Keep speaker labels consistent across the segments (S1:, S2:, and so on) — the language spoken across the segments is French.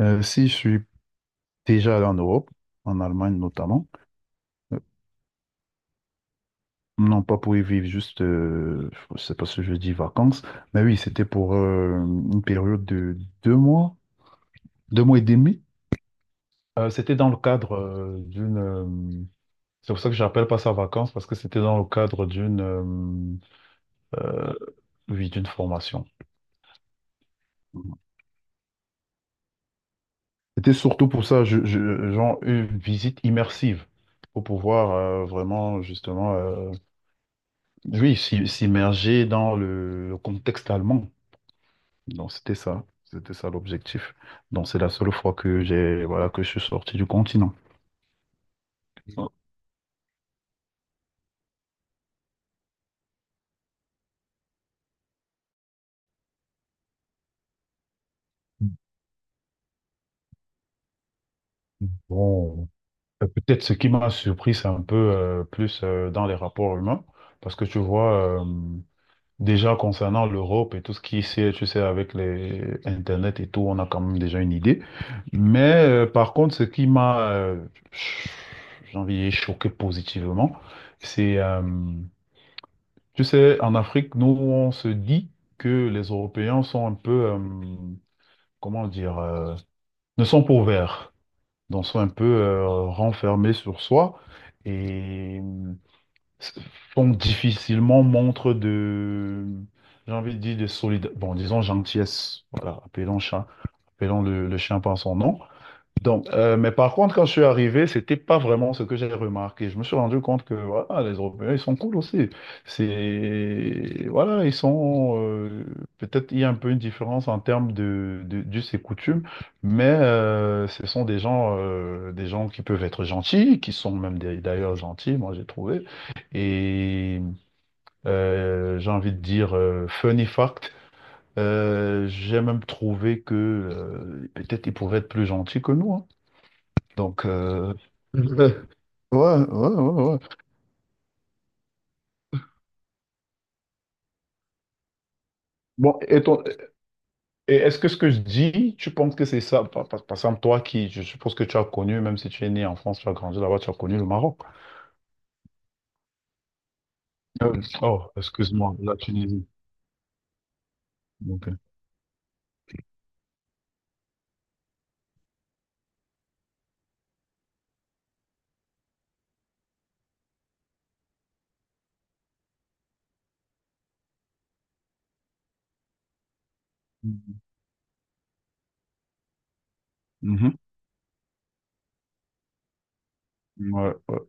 S1: Si je suis déjà allé en Europe, en Allemagne notamment. euh, non pas pour y vivre juste, je sais pas si je dis vacances, mais oui, c'était pour une période de 2 mois, 2 mois et demi. C'était dans le cadre c'est pour ça que j'appelle pas ça vacances parce que c'était dans le cadre euh, oui, d'une formation. C'était surtout pour ça, genre une visite immersive pour pouvoir vraiment justement, oui, s'immerger dans le contexte allemand. Donc c'était ça l'objectif. Donc c'est la seule fois que j'ai voilà que je suis sorti du continent. Bon, peut-être ce qui m'a surpris, c'est un peu plus dans les rapports humains, parce que tu vois, déjà concernant l'Europe et tout ce qui est, tu sais, avec les Internet et tout, on a quand même déjà une idée. Mais par contre, ce qui m'a, ch- j'ai envie de dire choqué positivement, c'est tu sais, en Afrique, nous, on se dit que les Européens sont un peu, comment dire, ne sont pas ouverts, donc sont un peu renfermés sur soi et font difficilement montre de, j'ai envie de dire, de solidarité, bon, disons gentillesse, voilà, appelons chat, appelons le chien par son nom. Donc, mais par contre, quand je suis arrivé, c'était pas vraiment ce que j'ai remarqué. Je me suis rendu compte que voilà, les Européens, ils sont cool aussi. C'est voilà, ils sont, peut-être il y a un peu une différence en termes de d'us et coutumes, mais ce sont des gens, des gens qui peuvent être gentils, qui sont d'ailleurs gentils, moi j'ai trouvé. Et j'ai envie de dire, funny fact. J'ai même trouvé que peut-être ils pouvaient être plus gentils que nous, hein. Donc, ouais, ouais, ouais, ouais, ouais. Bon, et est-ce que ce que je dis, tu penses que c'est ça? Par exemple, toi qui, je suppose que tu as connu, même si tu es né en France, tu as grandi là-bas, tu as connu le Maroc. Oh, excuse-moi, la Tunisie. Ok, mhm. Ouais, ouais,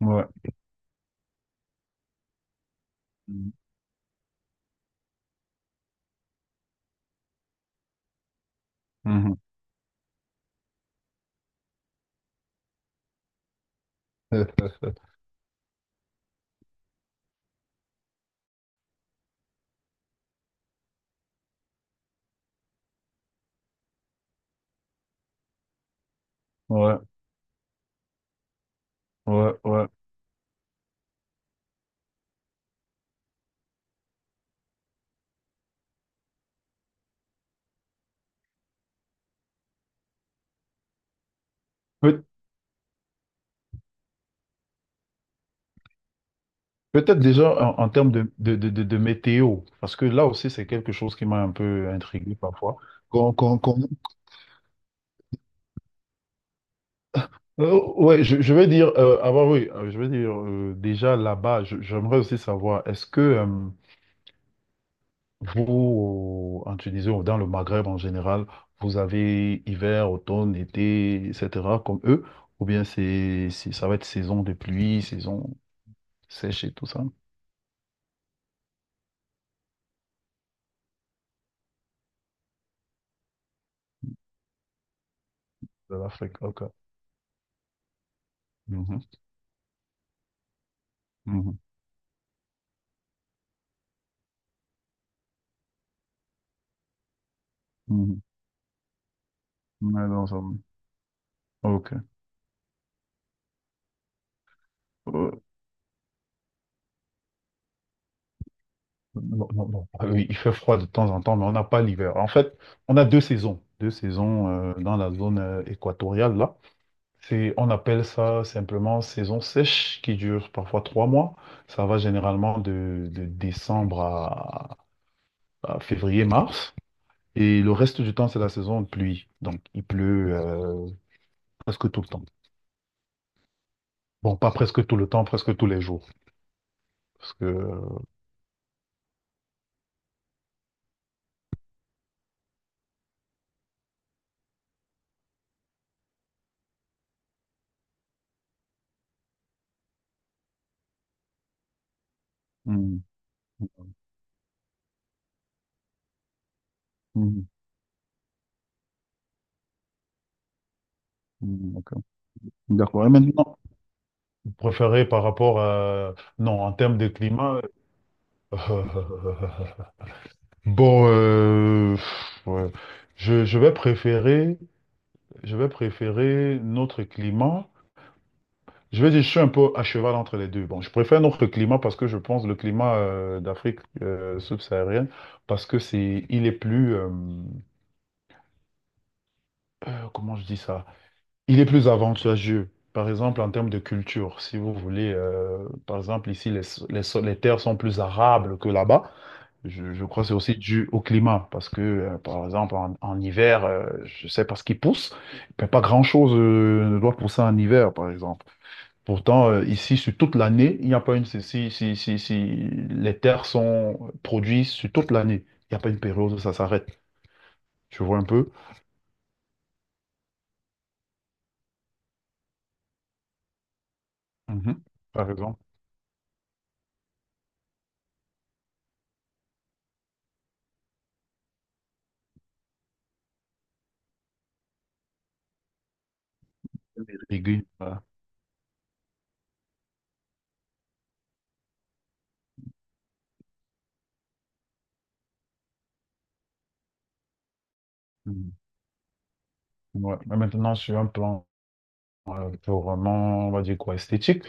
S1: ouais. Mhm. Mhm. Ouais, ouais, ouais. Peut- peut-être déjà en termes de météo, parce que là aussi, c'est quelque chose qui m'a un peu intrigué parfois. Ouais, je veux dire, avant, oui, je veux dire, déjà là-bas, j'aimerais aussi savoir, est-ce que vous, en Tunisie ou dans le Maghreb en général, vous avez hiver, automne, été, etc., comme eux, ou bien ça va être saison de pluie, saison sèche et tout ça, de l'Afrique, ok. Mhm, mhm, mhm. Ouais, ok. Euh, non, non, non. Ah oui, il fait froid de temps en temps, mais on n'a pas l'hiver. En fait, on a deux saisons. Deux saisons dans la zone équatoriale, là. On appelle ça simplement saison sèche qui dure parfois 3 mois. Ça va généralement de décembre à février-mars. Et le reste du temps, c'est la saison de pluie. Donc, il pleut presque tout le temps. Bon, pas presque tout le temps, presque tous les jours. Parce que... hmm, hmm, hmm, d'accord. D'accord. Et maintenant, préféré par rapport à... Non, en termes de climat, euh, bon, pff, ouais. Je, je vais préférer, je vais préférer notre climat. Je vais dire, je suis un peu à cheval entre les deux. Bon, je préfère notre climat parce que je pense le climat d'Afrique subsaharienne, parce que il est plus, comment je dis ça? Il est plus avantageux. Par exemple, en termes de culture, si vous voulez, par exemple, ici, les terres sont plus arables que là-bas. Je crois que c'est aussi dû au climat, parce que, par exemple, en hiver, je sais pas ce qui pousse, mais pas grand-chose ne doit pousser en hiver, par exemple. Pourtant, ici, sur toute l'année, il n'y a pas une... Si les terres sont produites sur toute l'année, il n'y a pas une période où ça s'arrête. Tu vois un peu? Mhm. Par exemple, aiguille. Voilà. Mhm. Ouais. Mais maintenant, sur un plan purement, on va dire quoi, esthétique.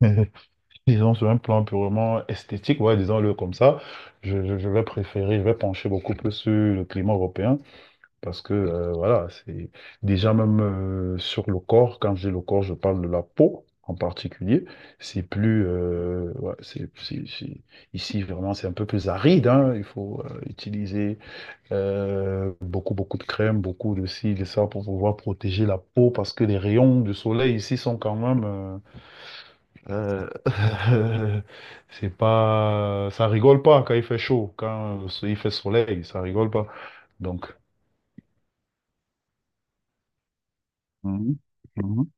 S1: Disons, sur un plan purement esthétique, ouais, disons-le comme ça, je vais préférer, je vais pencher beaucoup plus sur le climat européen parce que, voilà, c'est déjà même sur le corps, quand je dis le corps, je parle de la peau en particulier, c'est plus, ouais, ici vraiment c'est un peu plus aride, hein, il faut utiliser beaucoup, beaucoup de crème, beaucoup de ci, de ça pour pouvoir protéger la peau parce que les rayons du soleil ici sont quand même... euh, c'est pas, ça rigole pas quand il fait chaud, quand il fait soleil, ça rigole pas. Donc, mhm. Mhm.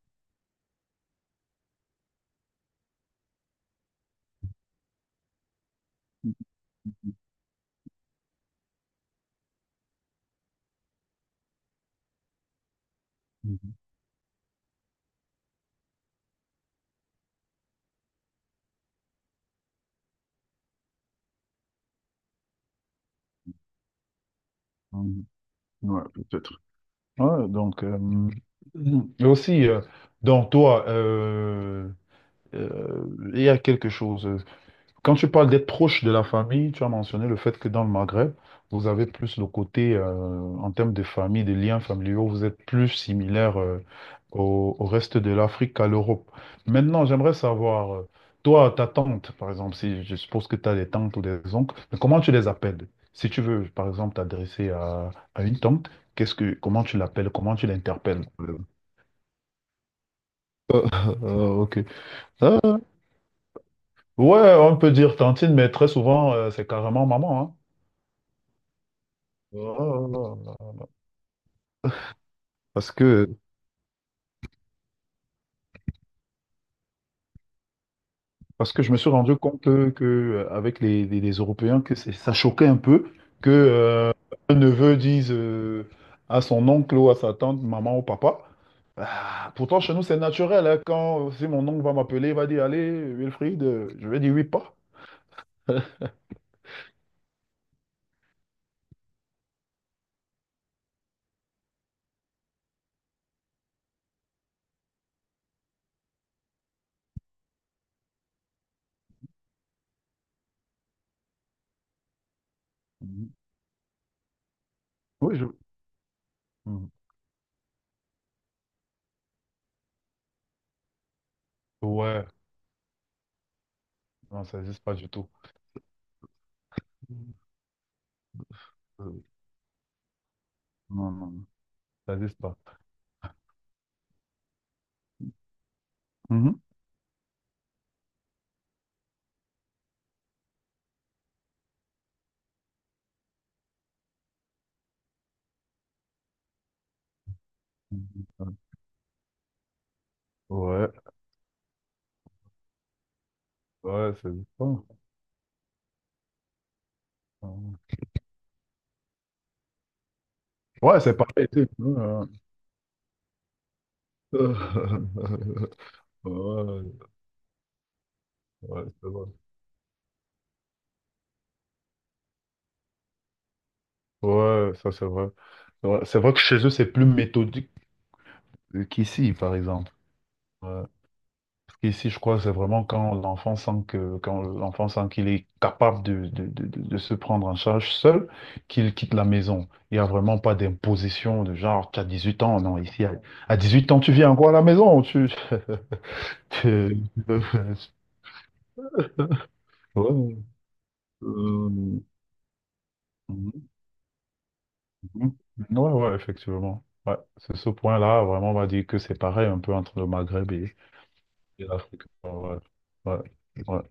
S1: Mhm. Ouais, peut-être. Ouais, donc, et aussi, donc toi, il y a quelque chose. Quand tu parles d'être proche de la famille, tu as mentionné le fait que dans le Maghreb, vous avez plus le côté, en termes de famille, de liens familiaux, vous êtes plus similaire, au reste de l'Afrique qu'à l'Europe. Maintenant, j'aimerais savoir, toi, ta tante, par exemple, si je suppose que tu as des tantes ou des oncles, mais comment tu les appelles? Si tu veux, par exemple, t'adresser à une tante, comment tu l'appelles, comment tu l'interpelles? Ok. Ah, ouais, on peut dire tantine, mais très souvent, c'est carrément maman, hein. Parce que, parce que je me suis rendu compte avec les Européens, que ça choquait un peu que un neveu dise, à son oncle ou à sa tante, maman ou papa. Ah, pourtant, chez nous, c'est naturel, hein. quand si mon oncle va m'appeler, il va dire, allez, Wilfried, je vais dire oui, pas. Mhm. Oui, je... Mhm. Ouais, non, ça n'existe pas du tout. Mhm. Euh, non, non, non, ça n'existe pas. Mhm. Mhm. Ouais, ouais, ça n'existe pas. Euh, Ouais, c'est pareil, tu sais. Euh, Ouais, ouais, c'est vrai. Ouais, ça c'est vrai. C'est vrai que chez eux, c'est plus méthodique qu'ici, par exemple. Ouais. Parce qu'ici, je crois, c'est vraiment quand l'enfant sent quand l'enfant sent qu'il est capable de se prendre en charge seul, qu'il quitte la maison. Il n'y a vraiment pas d'imposition de genre, tu as 18 ans. Non, ici, à 8 ans, tu viens encore à la maison. Tu... tu- Ouais. Euh, mm. Ouais, ouais, effectivement. Ouais, c'est ce point-là, vraiment, on va dire que c'est pareil un peu entre le Maghreb et l'Afrique. Ouais, ouais, ouais.